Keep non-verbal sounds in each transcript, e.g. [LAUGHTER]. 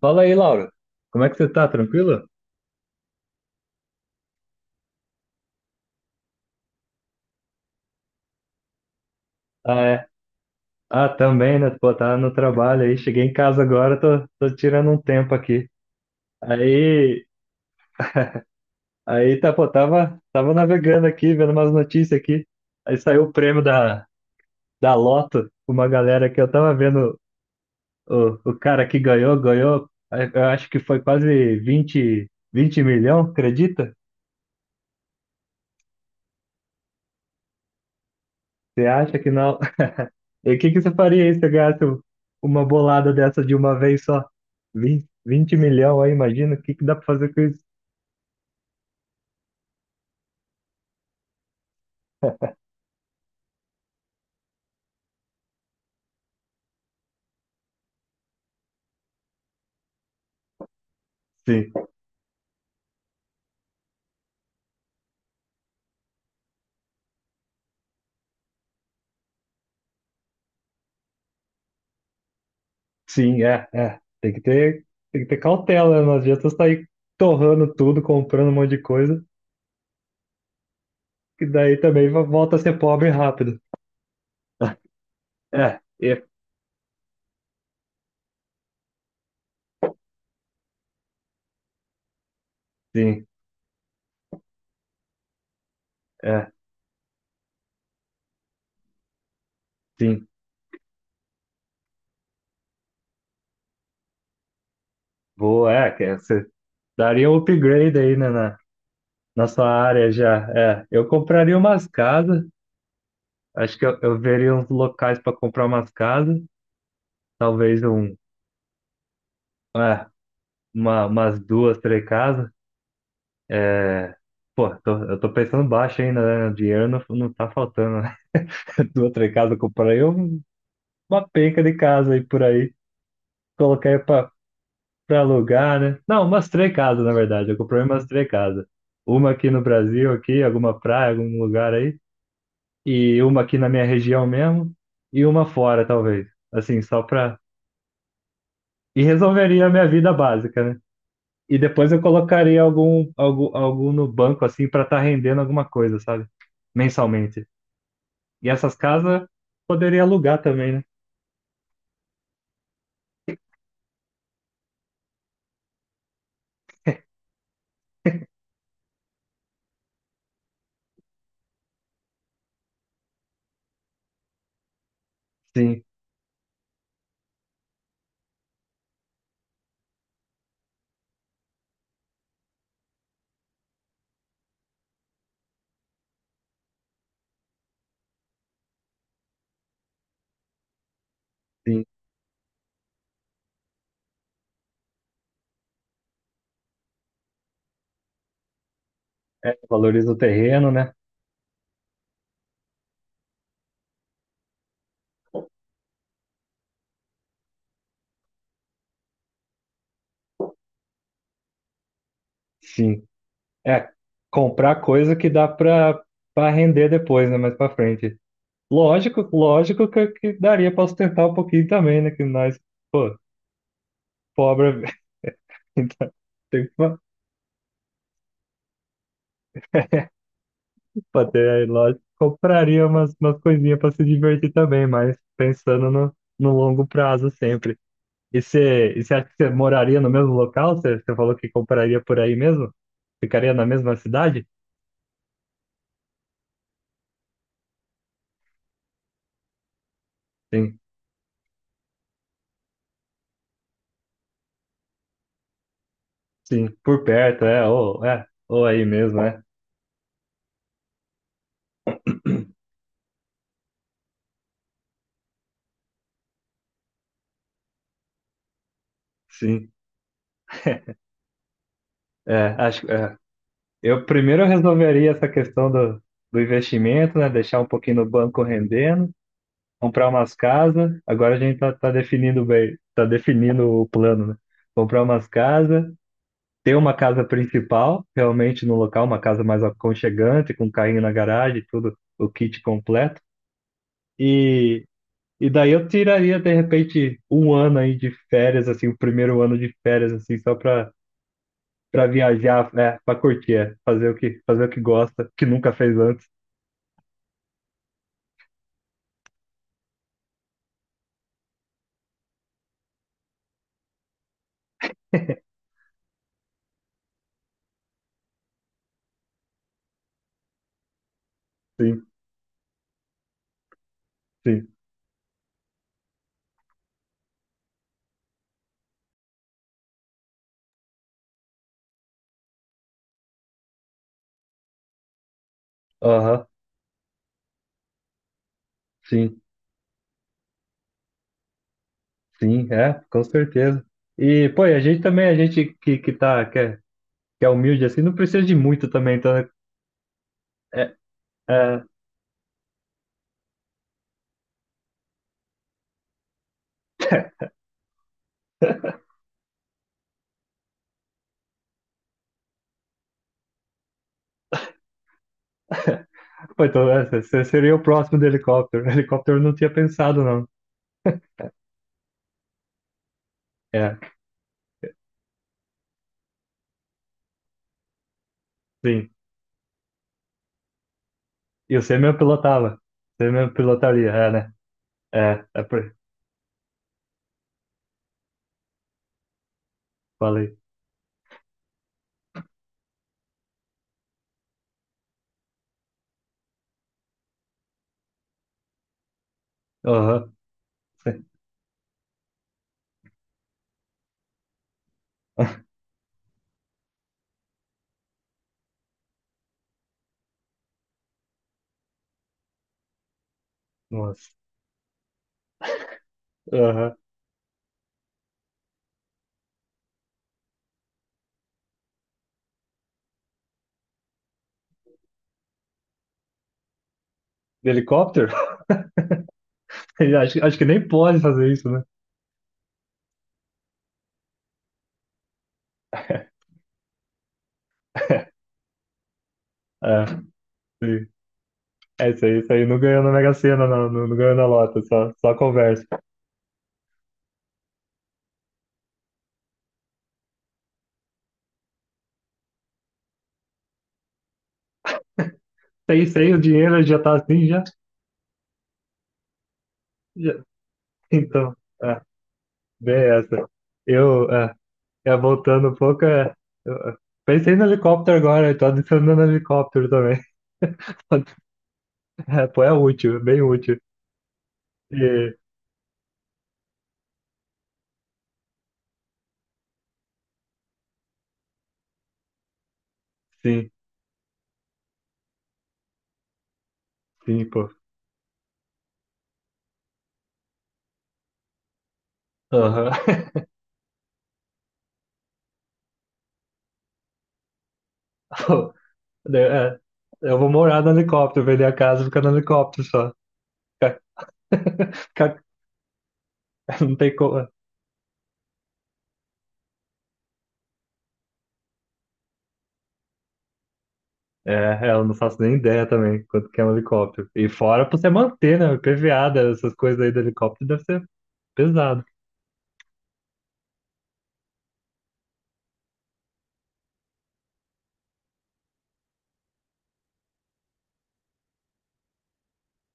Fala aí, Laura. Como é que você tá? Tranquilo? Ah, é. Ah, também, né? Pô, tá no trabalho aí. Cheguei em casa agora, tô tirando um tempo aqui. Aí, aí tá, pô, tava navegando aqui, vendo umas notícias aqui. Aí saiu o prêmio da Loto, uma galera que eu tava vendo o cara que ganhou, eu acho que foi quase 20, 20 milhões, acredita? Você acha que na, E o que que você faria aí se você ganhasse uma bolada dessa de uma vez só? 20 20 milhão aí, imagina, o que que dá pra fazer com isso? Sim, sim, é, é. Tem que ter cautela, né? Não adianta sair torrando tudo, comprando um monte de coisa, que daí também volta a ser pobre rápido. [LAUGHS] É, é, sim, é, sim. Boa, é, que você daria um upgrade aí, né, na sua área já. É, eu compraria umas casas, acho que eu veria uns locais para comprar umas casas, talvez um, é, uma, umas duas, três casas. É, pô, eu tô pensando baixo ainda, né? Dinheiro não tá faltando, né? [LAUGHS] Duas, três casas, eu comprei uma penca de casa aí por aí. Coloquei pra alugar, né? Não, umas três casas, na verdade. Eu comprei umas três casas. Uma aqui no Brasil, aqui, alguma praia, algum lugar aí. E uma aqui na minha região mesmo. E uma fora, talvez. Assim, só pra. E resolveria a minha vida básica, né? E depois eu colocaria algum no banco, assim, para estar rendendo alguma coisa, sabe? Mensalmente. E essas casas poderia alugar também, né? Sim, sim. É, valoriza o terreno, né? Sim. É, comprar coisa que dá para para render depois, né? Mais para frente. Lógico, lógico que daria para sustentar um pouquinho também, né? Que nós, pô, pobre, [LAUGHS] tem que pô, até, lógico, compraria umas coisinhas para se divertir também, mas pensando no longo prazo sempre. E você acha que você moraria no mesmo local? Você falou que compraria por aí mesmo? Ficaria na mesma cidade? Sim, sim, por perto, é, ou, é, ou aí mesmo, é. [CLEARS THROAT] Sim, é, acho, é. Eu Primeiro eu resolveria essa questão do investimento, né? Deixar um pouquinho no banco rendendo, comprar umas casas. Agora a gente tá definindo bem, tá definindo o plano, né? Comprar umas casas, ter uma casa principal, realmente no local, uma casa mais aconchegante, com carrinho na garagem, tudo, o kit completo. E, e daí eu tiraria, de repente, um ano aí de férias, assim, o primeiro ano de férias, assim, só pra viajar, é, pra curtir, é, fazer o que gosta, que nunca fez antes. Sim, sim. Aham, sim. Sim, é, com certeza. E, pô, e a gente também, a gente que tá, que é humilde assim, não precisa de muito também, então, né, é, é, pô, então é, você seria o próximo do helicóptero. [LAUGHS] Helicóptero eu não tinha pensado, não. É, sim. E você mesmo pilotava. Você mesmo pilotaria, é, né? É, é, falei. Aham. [LAUGHS] Nossa. Aham. De helicóptero? [LAUGHS] Acho, acho que nem pode fazer isso, né? É, sim. É isso aí, isso aí. Não ganhou na Mega Sena, não. Não, não ganhou na Lota, só, só conversa. Sei, sei, o dinheiro já tá assim, já, já. Então, é, bem essa. Eu, é, é, voltando um pouco, é, eu, é, pensei no helicóptero agora, eu tô adicionando helicóptero também. [LAUGHS] É, pô, é útil, é bem útil. E, sim, sim, pô. Aham. [LAUGHS] Pô, é, eu vou morar no helicóptero, vender a casa, ficar no helicóptero só. Ficar- [LAUGHS] ficar- Não tem como. É, é, eu não faço nem ideia também quanto que é um helicóptero. E fora pra você manter, né? PVA, essas coisas aí do helicóptero deve ser pesado,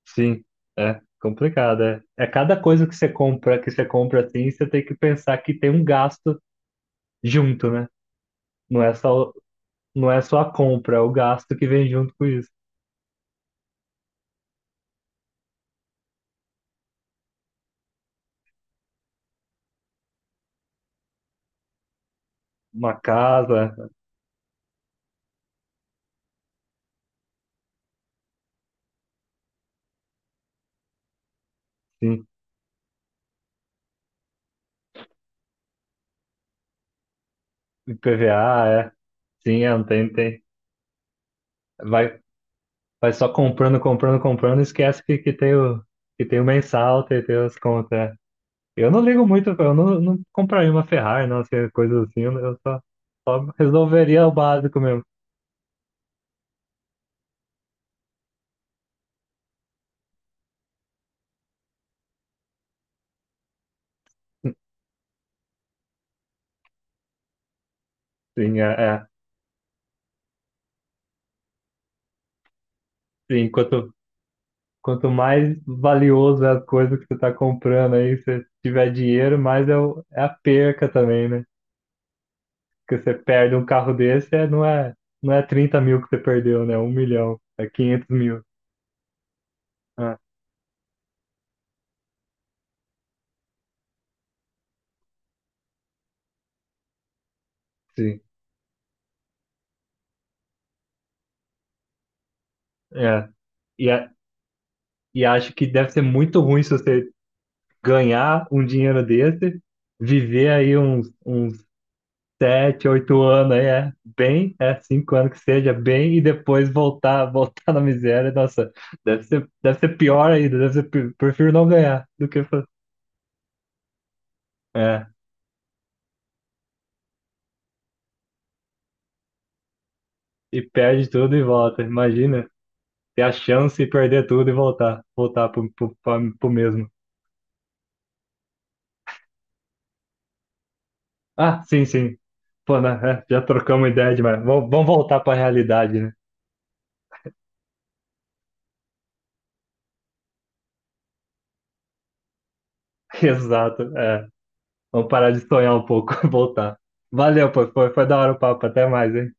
sim, é complicado, é. É cada coisa que você compra, assim, você tem que pensar que tem um gasto junto, né? Não é só, não é só a compra, é o gasto que vem junto com isso. Uma casa, assim, IPVA, é. Sim, é, não tem, tem. Vai, Vai só comprando, comprando, comprando, esquece que tem o mensal, tem, tem as contas, é. Eu não ligo muito, eu não, não compraria uma Ferrari, não, assim, coisa assim, eu só, só resolveria o básico mesmo. Sim, é, é. Sim, quanto mais valioso é a coisa que você está comprando aí, se você tiver dinheiro, mais é, o, é a perca também, né? Porque você perde um carro desse, é, não é 30 mil que você perdeu, né? Um milhão, é 500 mil. Ah, sim. É. E, e acho que deve ser muito ruim se você ganhar um dinheiro desse, viver aí uns 7, 8 anos aí, é bem, é 5 anos que seja, bem, e depois voltar, [LAUGHS] voltar na miséria, nossa, deve ser pior ainda, deve ser, prefiro não ganhar do que, fa- é, e perde tudo e volta, imagina, ter a chance de perder tudo e voltar, voltar pro mesmo. Ah, sim, sim, pô, né, é, já trocamos ideia demais, vamos voltar pra realidade, né? [LAUGHS] Exato, é, vamos parar de sonhar um pouco, [LAUGHS] voltar. Valeu, pô, foi da hora o papo, até mais, hein?